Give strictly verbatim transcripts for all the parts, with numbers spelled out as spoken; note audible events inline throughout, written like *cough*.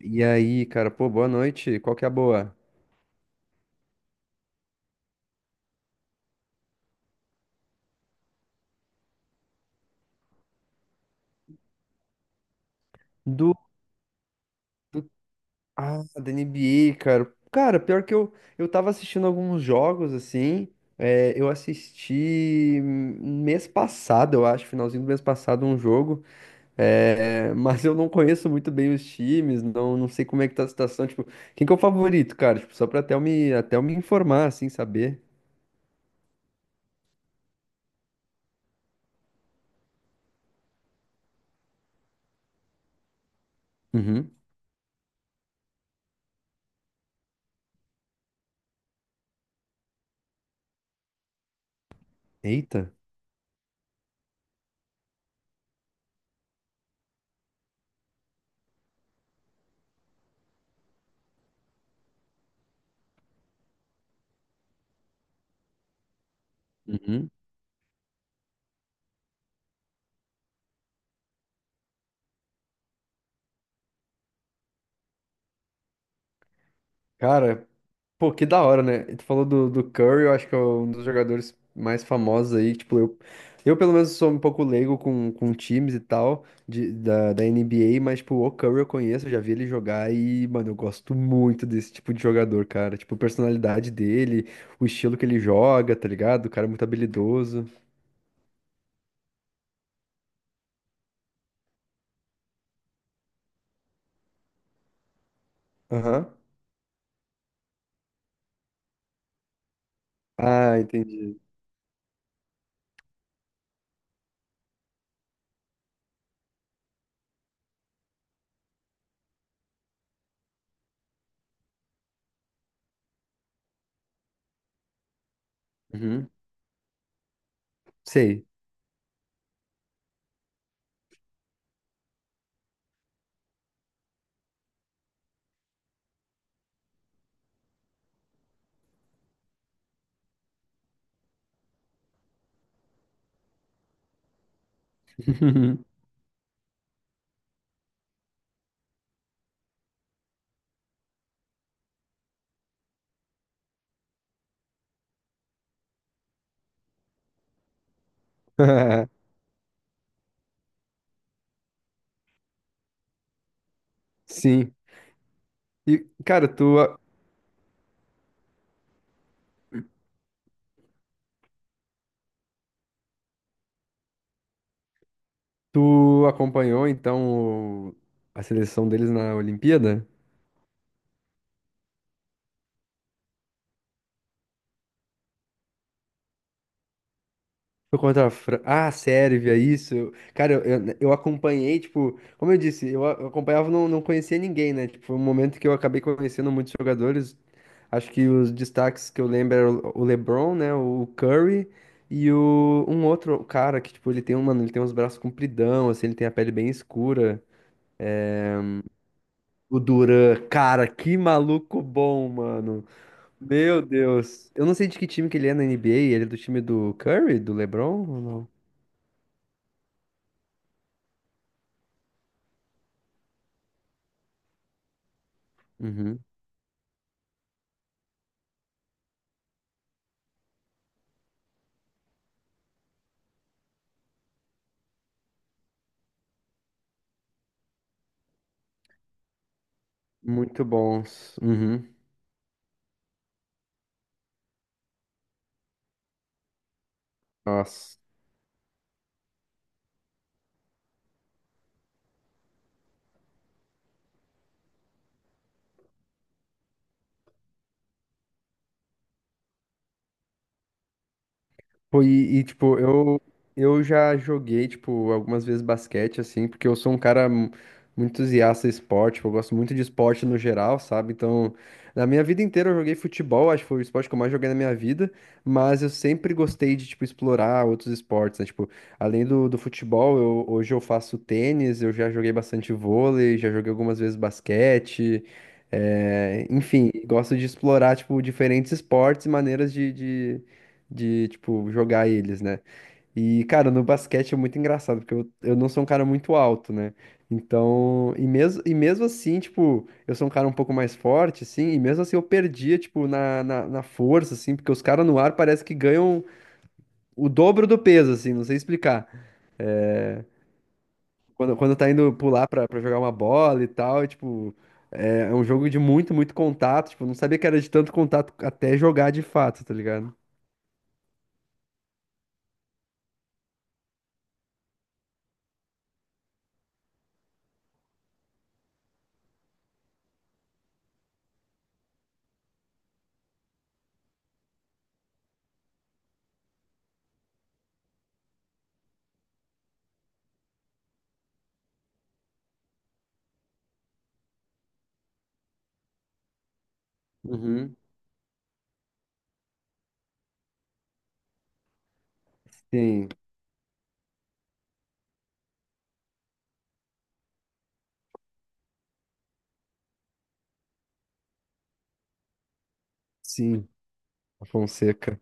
E aí, cara, pô, boa noite. Qual que é a boa? Do. Ah, da N B A, cara. Cara, pior que eu, eu tava assistindo alguns jogos, assim. É, eu assisti hum, mês passado, eu acho, finalzinho do mês passado, um jogo. É, *laughs* mas eu não conheço muito bem os times, não, não sei como é que tá a situação. Tipo, quem que é o favorito, cara? Tipo, só pra até eu me, até eu me informar, assim, saber. Uhum. Eita. Uhum. Cara, pô, que da hora, né? E tu falou do, do Curry, eu acho que é um dos jogadores mais famosos aí. Tipo, eu, eu pelo menos sou um pouco leigo com, com times e tal, de, da, da N B A, mas, tipo, o Curry eu conheço, eu já vi ele jogar e, mano, eu gosto muito desse tipo de jogador, cara. Tipo, a personalidade dele, o estilo que ele joga, tá ligado? O cara é muito habilidoso. Aham. Ah, entendi. Uhum. Sei. *laughs* *laughs* Sim. E, cara, tu, tu acompanhou, então, o- a seleção deles na Olimpíada? Foi contra a Fran... Ah, a Sérvia, isso. Eu... Cara, eu, eu, né, eu acompanhei, tipo, como eu disse, eu, a- eu acompanhava, e não, não conhecia ninguém, né? Tipo, foi um momento que eu acabei conhecendo muitos jogadores. Acho que os destaques que eu lembro eram o o LeBron, né? O Curry e o, um outro cara que, tipo, ele tem, um- mano, ele tem uns braços compridão, assim, ele tem a pele bem escura. O Duran, cara, que maluco bom, mano. Meu Deus. Eu não sei de que time que ele é na N B A. Ele é do time do Curry, do LeBron ou não? Uhum. Muito bons. Uhum. Nossa. Pô, e, e, tipo, eu, eu já joguei, tipo, algumas vezes basquete, assim, porque eu sou um cara mu- muito entusiasta de esporte, tipo, eu gosto muito de esporte no geral, sabe? Então, na minha vida inteira eu joguei futebol, acho que foi o esporte que eu mais joguei na minha vida, mas eu sempre gostei de, tipo, explorar outros esportes, né? Tipo, além do, do futebol, eu- hoje eu faço tênis, eu já joguei bastante vôlei, já joguei algumas vezes basquete, é, enfim, gosto de explorar, tipo, diferentes esportes e maneiras de, de de, tipo, jogar eles, né? E, cara, no basquete é muito engraçado, porque eu, eu não sou um cara muito alto, né? Então, e mesmo, e mesmo assim, tipo, eu sou um cara um pouco mais forte, assim, e mesmo assim eu perdia, tipo, na, na, na força, assim, porque os caras no ar parece que ganham o dobro do peso, assim, não sei explicar. Quando, quando tá indo pular pra, pra jogar uma bola e tal, e, tipo, é, é um jogo de muito, muito contato, tipo, eu não sabia que era de tanto contato até jogar de fato, tá ligado? Uhum. Sim, sim, a Fonseca.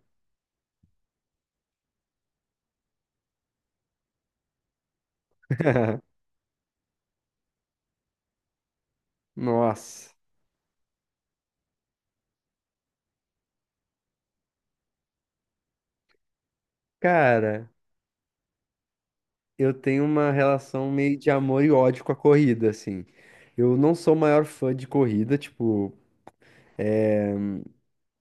*laughs* Nossa. Cara, eu tenho uma relação meio de amor e ódio com a corrida, assim. Eu não sou o maior fã de corrida, tipo,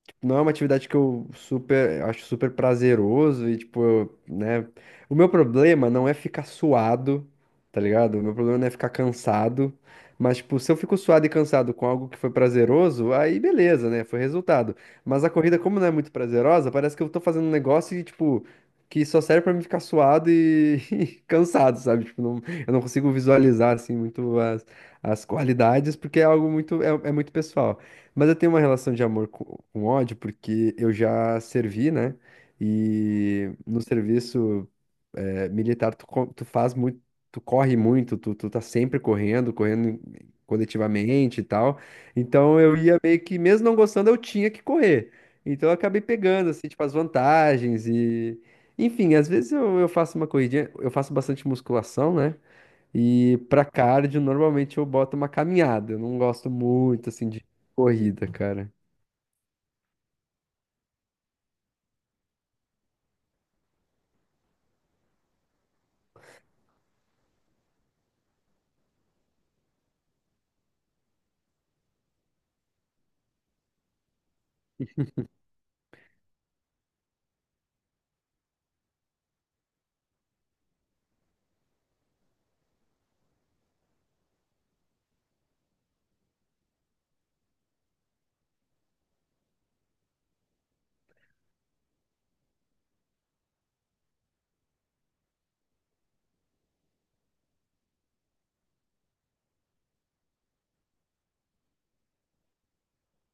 tipo, não é uma atividade que eu super, acho super prazeroso e, tipo, eu, né? O meu problema não é ficar suado, tá ligado? O meu problema não é ficar cansado. Mas, tipo, se eu fico suado e cansado com algo que foi prazeroso, aí beleza, né? Foi resultado. Mas a corrida, como não é muito prazerosa, parece que eu tô fazendo um negócio e, tipo, que só serve pra mim ficar suado e, *laughs* e cansado, sabe? Tipo, não, eu não consigo visualizar, assim, muito as, as qualidades, porque é algo muito, é é muito pessoal. Mas eu tenho uma relação de amor com, com ódio, porque eu já servi, né? E no serviço eh, militar, tu, co- tu faz muito, tu corre muito, tu, tu tá sempre correndo, correndo em- coletivamente e tal. Então eu ia meio que, mesmo não gostando, eu tinha que correr. Então eu acabei pegando, assim, tipo, as vantagens e... Enfim, às vezes eu, eu faço uma corridinha, eu faço bastante musculação, né? E pra cardio, normalmente eu boto uma caminhada. Eu não gosto muito, assim, de corrida, cara.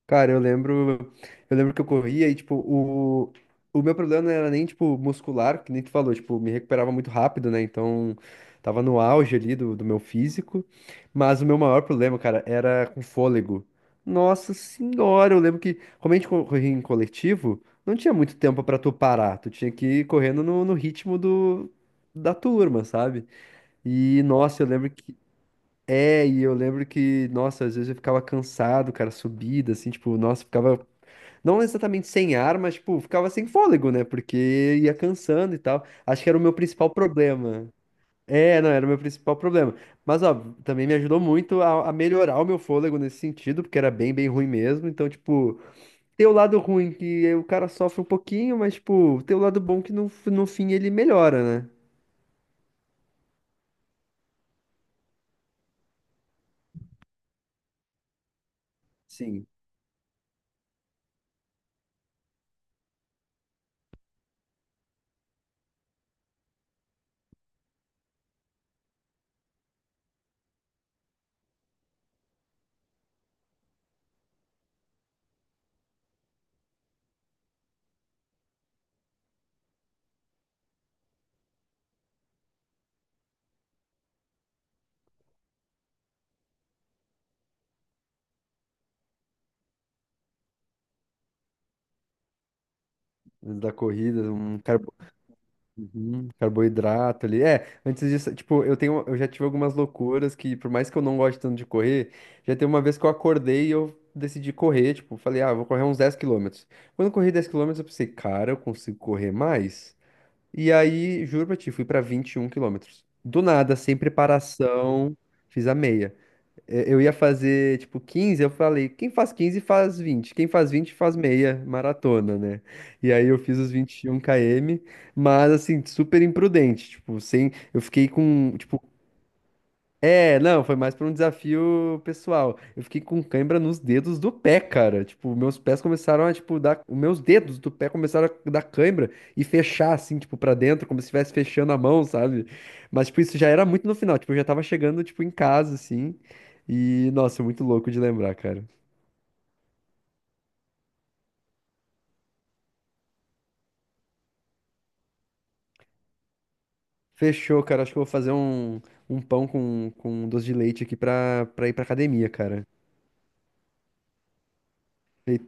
Cara, eu lembro, eu lembro que eu corria e, tipo, o, o meu problema não era nem, tipo, muscular, que nem tu falou, tipo, me recuperava muito rápido, né? Então, tava no auge ali do, do meu físico, mas o meu maior problema, cara, era com fôlego. Nossa senhora, eu lembro que, como a gente co- corria em coletivo, não tinha muito tempo pra tu parar, tu tinha que ir correndo no, no ritmo do, da turma, sabe? E, nossa, eu lembro que é, e eu lembro que, nossa, às vezes eu ficava cansado, cara, subida, assim, tipo, nossa, ficava não exatamente sem ar, mas, tipo, ficava sem fôlego, né? Porque ia cansando e tal. Acho que era o meu principal problema. É, não, era o meu principal problema. Mas, ó, também me ajudou muito a, a melhorar o meu fôlego nesse sentido, porque era bem, bem ruim mesmo. Então, tipo, tem o lado ruim que o cara sofre um pouquinho, mas, tipo, tem o lado bom que no, no fim ele melhora, né? Sim. Da corrida, um cara. Uhum, carboidrato ali. É, antes disso, tipo, eu tenho, eu já tive algumas loucuras que, por mais que eu não goste tanto de correr, já teve uma vez que eu acordei e eu decidi correr, tipo, falei, ah, vou correr uns dez quilômetros. Quando eu corri dez quilômetros eu pensei, cara, eu consigo correr mais? E aí, juro pra ti, fui pra vinte e um quilômetros. Do nada, sem preparação, fiz a meia. eh, Eu ia fazer, tipo, quinze, eu falei, quem faz quinze faz vinte, quem faz vinte faz meia maratona, né? E aí eu fiz os vinte e um quilômetros, mas assim, super imprudente, tipo, sem, eu fiquei com, tipo, é, não, foi mais pra um desafio pessoal. Eu fiquei com cãibra nos dedos do pé, cara. Tipo, meus pés começaram a, tipo, dar. Os meus dedos do pé começaram a dar cãibra e fechar, assim, tipo, pra dentro, como se estivesse fechando a mão, sabe? Mas, tipo, isso já era muito no final. Tipo, eu já tava chegando, tipo, em casa, assim. E, nossa, muito louco de lembrar, cara. Fechou, cara. Acho que eu vou fazer um, um pão com, com um doce de leite aqui pra, pra ir pra academia, cara.